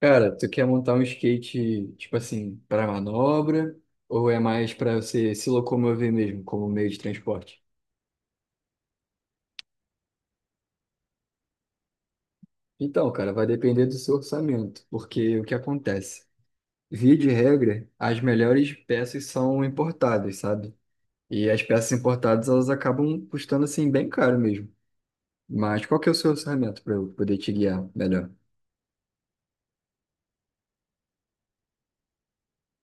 Cara, tu quer montar um skate, tipo assim, para manobra ou é mais para você se locomover mesmo como meio de transporte? Então, cara, vai depender do seu orçamento, porque o que acontece? Via de regra, as melhores peças são importadas, sabe? E as peças importadas, elas acabam custando assim bem caro mesmo. Mas qual que é o seu orçamento para eu poder te guiar melhor?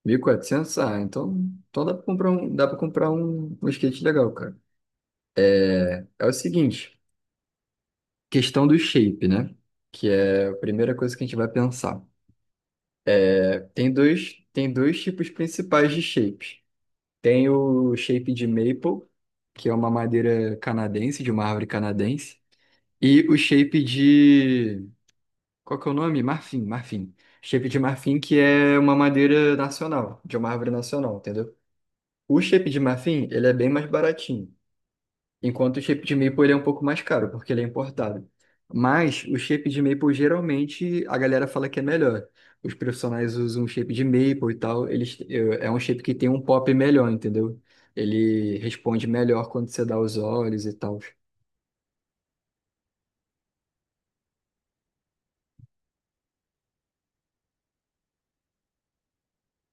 1.400. Ah, então, então dá para comprar um, dá para comprar um skate legal, cara. É o seguinte, questão do shape, né? Que é a primeira coisa que a gente vai pensar. Tem dois tipos principais de shapes. Tem o shape de maple, que é uma madeira canadense, de uma árvore canadense, e o shape de, qual que é o nome? Marfim, marfim. Shape de marfim, que é uma madeira nacional, de uma árvore nacional, entendeu? O shape de marfim, ele é bem mais baratinho. Enquanto o shape de maple ele é um pouco mais caro, porque ele é importado. Mas o shape de maple geralmente a galera fala que é melhor. Os profissionais usam shape de maple e tal, eles, é um shape que tem um pop melhor, entendeu? Ele responde melhor quando você dá os olhos e tal.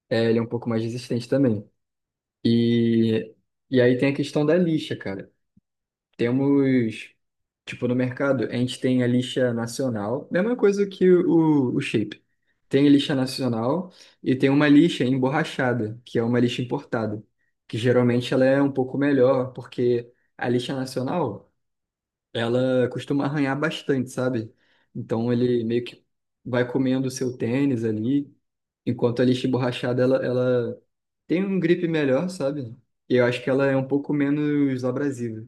É, ele é um pouco mais resistente também. E, e aí tem a questão da lixa, cara. Temos, tipo, no mercado, a gente tem a lixa nacional, mesma coisa que o shape. Tem a lixa nacional e tem uma lixa emborrachada, que é uma lixa importada, que geralmente ela é um pouco melhor, porque a lixa nacional, ela costuma arranhar bastante, sabe? Então ele meio que vai comendo o seu tênis ali, enquanto a lixa emborrachada, ela tem um grip melhor, sabe? E eu acho que ela é um pouco menos abrasiva.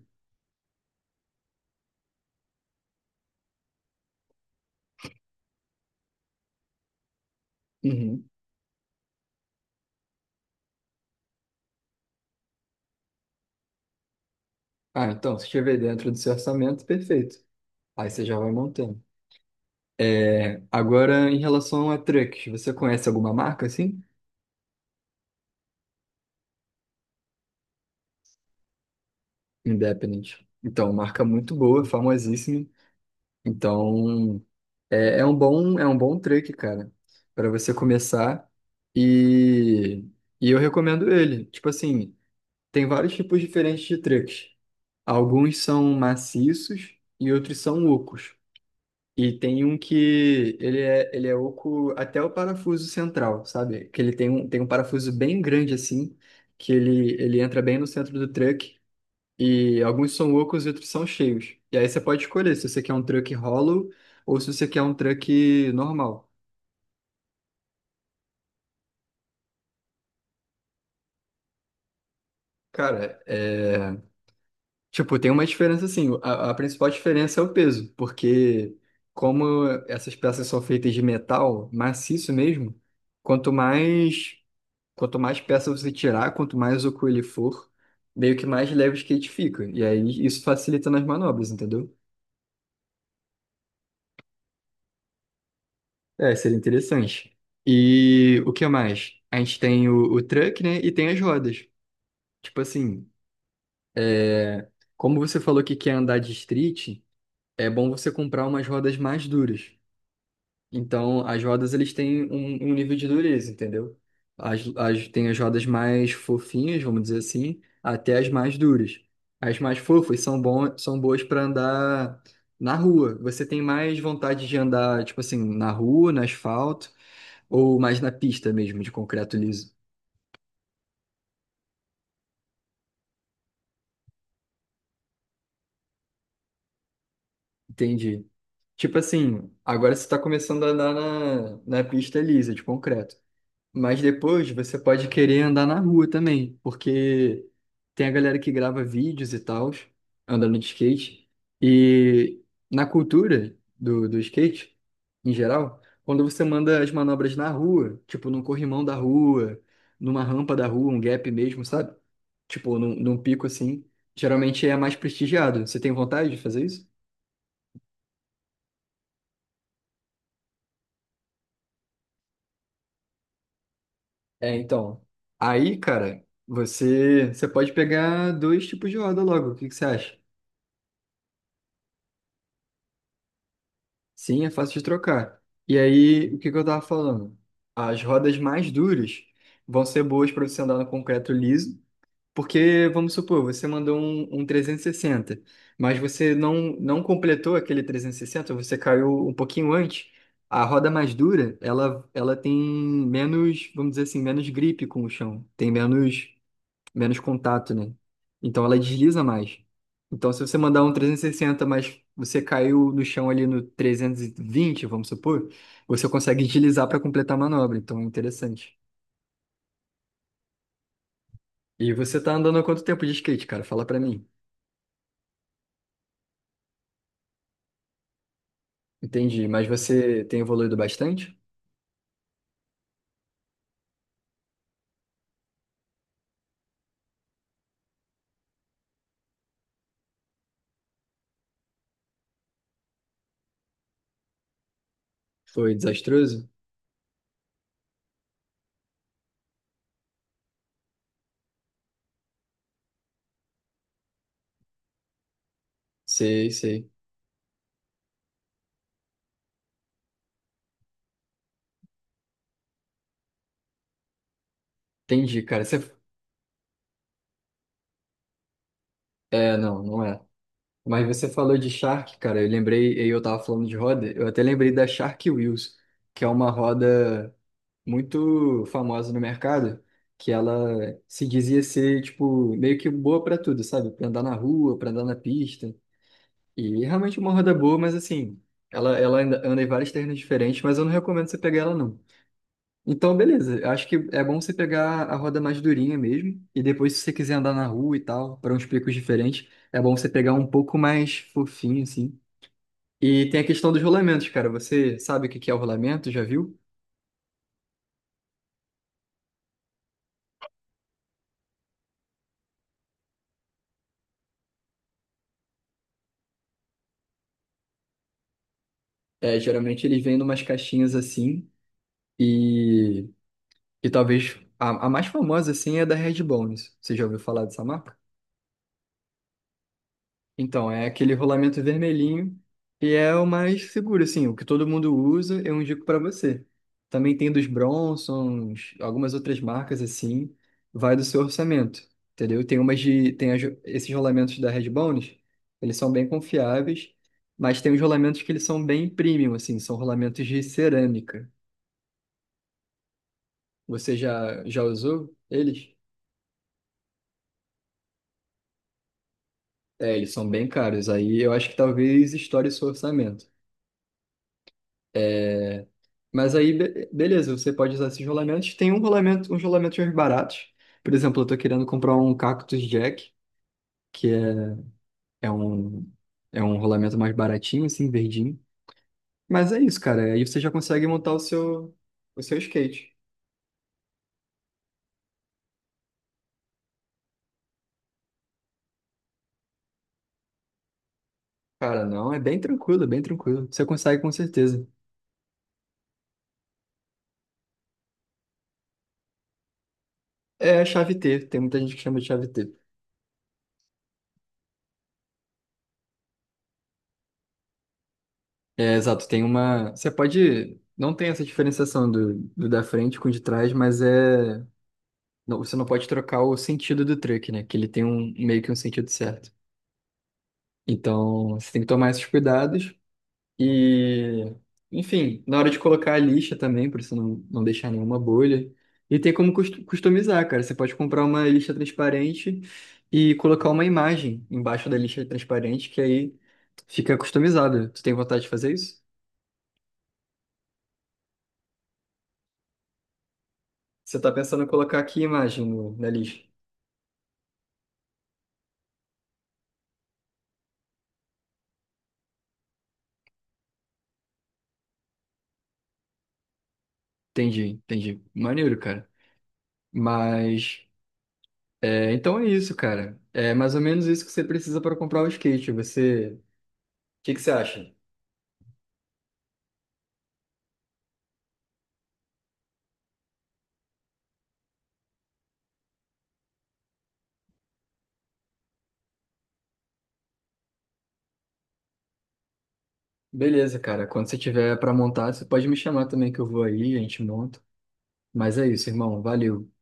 Uhum. Ah, então, se estiver dentro do seu orçamento, perfeito. Aí você já vai montando. É, agora, em relação a trucks, você conhece alguma marca assim? Independent. Então, marca muito boa, famosíssima. Então, é, é um bom truck, cara, para você começar. E, e eu recomendo ele. Tipo assim, tem vários tipos diferentes de trucks. Alguns são maciços e outros são ocos. E tem um que ele é oco até o parafuso central, sabe? Que ele tem um parafuso bem grande assim, que ele entra bem no centro do truck. E alguns são ocos e outros são cheios. E aí você pode escolher se você quer um truck hollow ou se você quer um truck normal. Cara, é... Tipo, tem uma diferença assim. A principal diferença é o peso, porque como essas peças são feitas de metal maciço mesmo, quanto mais. Quanto mais peça você tirar, quanto mais oco ele for, meio que mais leve o skate fica. E aí isso facilita nas manobras, entendeu? É, seria interessante. E o que mais? A gente tem o truck, né? E tem as rodas. Tipo assim, é, como você falou que quer andar de street, é bom você comprar umas rodas mais duras. Então, as rodas, eles têm um, um nível de dureza, entendeu? Tem as rodas mais fofinhas, vamos dizer assim, até as mais duras. As mais fofas são bom, são boas para andar na rua. Você tem mais vontade de andar, tipo assim, na rua, no asfalto, ou mais na pista mesmo, de concreto liso. Entendi. Tipo assim, agora você está começando a andar na pista lisa, de concreto. Mas depois você pode querer andar na rua também, porque tem a galera que grava vídeos e tal, andando de skate. E na cultura do, do skate, em geral, quando você manda as manobras na rua, tipo num corrimão da rua, numa rampa da rua, um gap mesmo, sabe? Tipo num pico assim, geralmente é mais prestigiado. Você tem vontade de fazer isso? É, então. Aí, cara, você pode pegar dois tipos de roda logo. O que que você acha? Sim, é fácil de trocar. E aí, o que que eu tava falando? As rodas mais duras vão ser boas para você andar no concreto liso, porque, vamos supor, você mandou um 360 mas você não, não completou aquele 360 você caiu um pouquinho antes. A roda mais dura, ela tem menos, vamos dizer assim, menos gripe com o chão, tem menos menos contato, né? Então ela desliza mais. Então, se você mandar um 360, mas você caiu no chão ali no 320, vamos supor, você consegue deslizar para completar a manobra. Então, é interessante. E você tá andando há quanto tempo de skate, cara? Fala para mim. Entendi. Mas você tem evoluído bastante? Foi desastroso? Sei, sei. Entendi, cara. Você... É, não, não é. Mas você falou de Shark, cara. Eu lembrei, eu tava falando de roda, eu até lembrei da Shark Wheels, que é uma roda muito famosa no mercado, que ela se dizia ser, tipo, meio que boa pra tudo, sabe? Pra andar na rua, pra andar na pista. E é realmente uma roda boa, mas assim, ela anda, anda em vários terrenos diferentes, mas eu não recomendo você pegar ela, não. Então, beleza, eu acho que é bom você pegar a roda mais durinha mesmo, e depois, se você quiser andar na rua e tal, para uns picos diferentes, é bom você pegar um pouco mais fofinho, assim. E tem a questão dos rolamentos, cara. Você sabe o que que é o rolamento? Já viu? É, geralmente eles vêm em caixinhas assim. E, e talvez a mais famosa, assim, é da Red Bones. Você já ouviu falar dessa marca? Então, é aquele rolamento vermelhinho e é o mais seguro, assim, o que todo mundo usa, eu indico para você. Também tem dos Bronsons, algumas outras marcas, assim, vai do seu orçamento, entendeu? Tem umas de, tem as- esses rolamentos da Red Bones, eles são bem confiáveis, mas tem os rolamentos que eles são bem premium, assim, são rolamentos de cerâmica. Você já usou eles? É, eles são bem caros. Aí eu acho que talvez estoure seu orçamento. É, mas aí, beleza, você pode usar esses rolamentos. Tem um rolamento, uns rolamentos mais baratos. Por exemplo, eu tô querendo comprar um Cactus Jack, que é, é um, é um rolamento mais baratinho, assim, verdinho. Mas é isso, cara. Aí você já consegue montar o seu skate. Cara, não, é bem tranquilo, é bem tranquilo. Você consegue com certeza. É a chave T, tem muita gente que chama de chave T. É, exato, tem uma. Você pode. Não tem essa diferenciação do, do da frente com o de trás, mas é. Você não pode trocar o sentido do truck, né? Que ele tem um meio que um sentido certo. Então, você tem que tomar esses cuidados. E, enfim, na hora de colocar a lixa também, para você não, não deixar nenhuma bolha. E tem como customizar, cara. Você pode comprar uma lixa transparente e colocar uma imagem embaixo da lixa transparente, que aí fica customizado. Tu tem vontade de fazer isso? Você tá pensando em colocar aqui, imagem na lista? Entendi, entendi. Maneiro, cara. Mas, é, então é isso, cara. É mais ou menos isso que você precisa para comprar o skate. Você, o que que você acha? Beleza, cara. Quando você tiver para montar, você pode me chamar também que eu vou aí, a gente monta. Mas é isso, irmão. Valeu.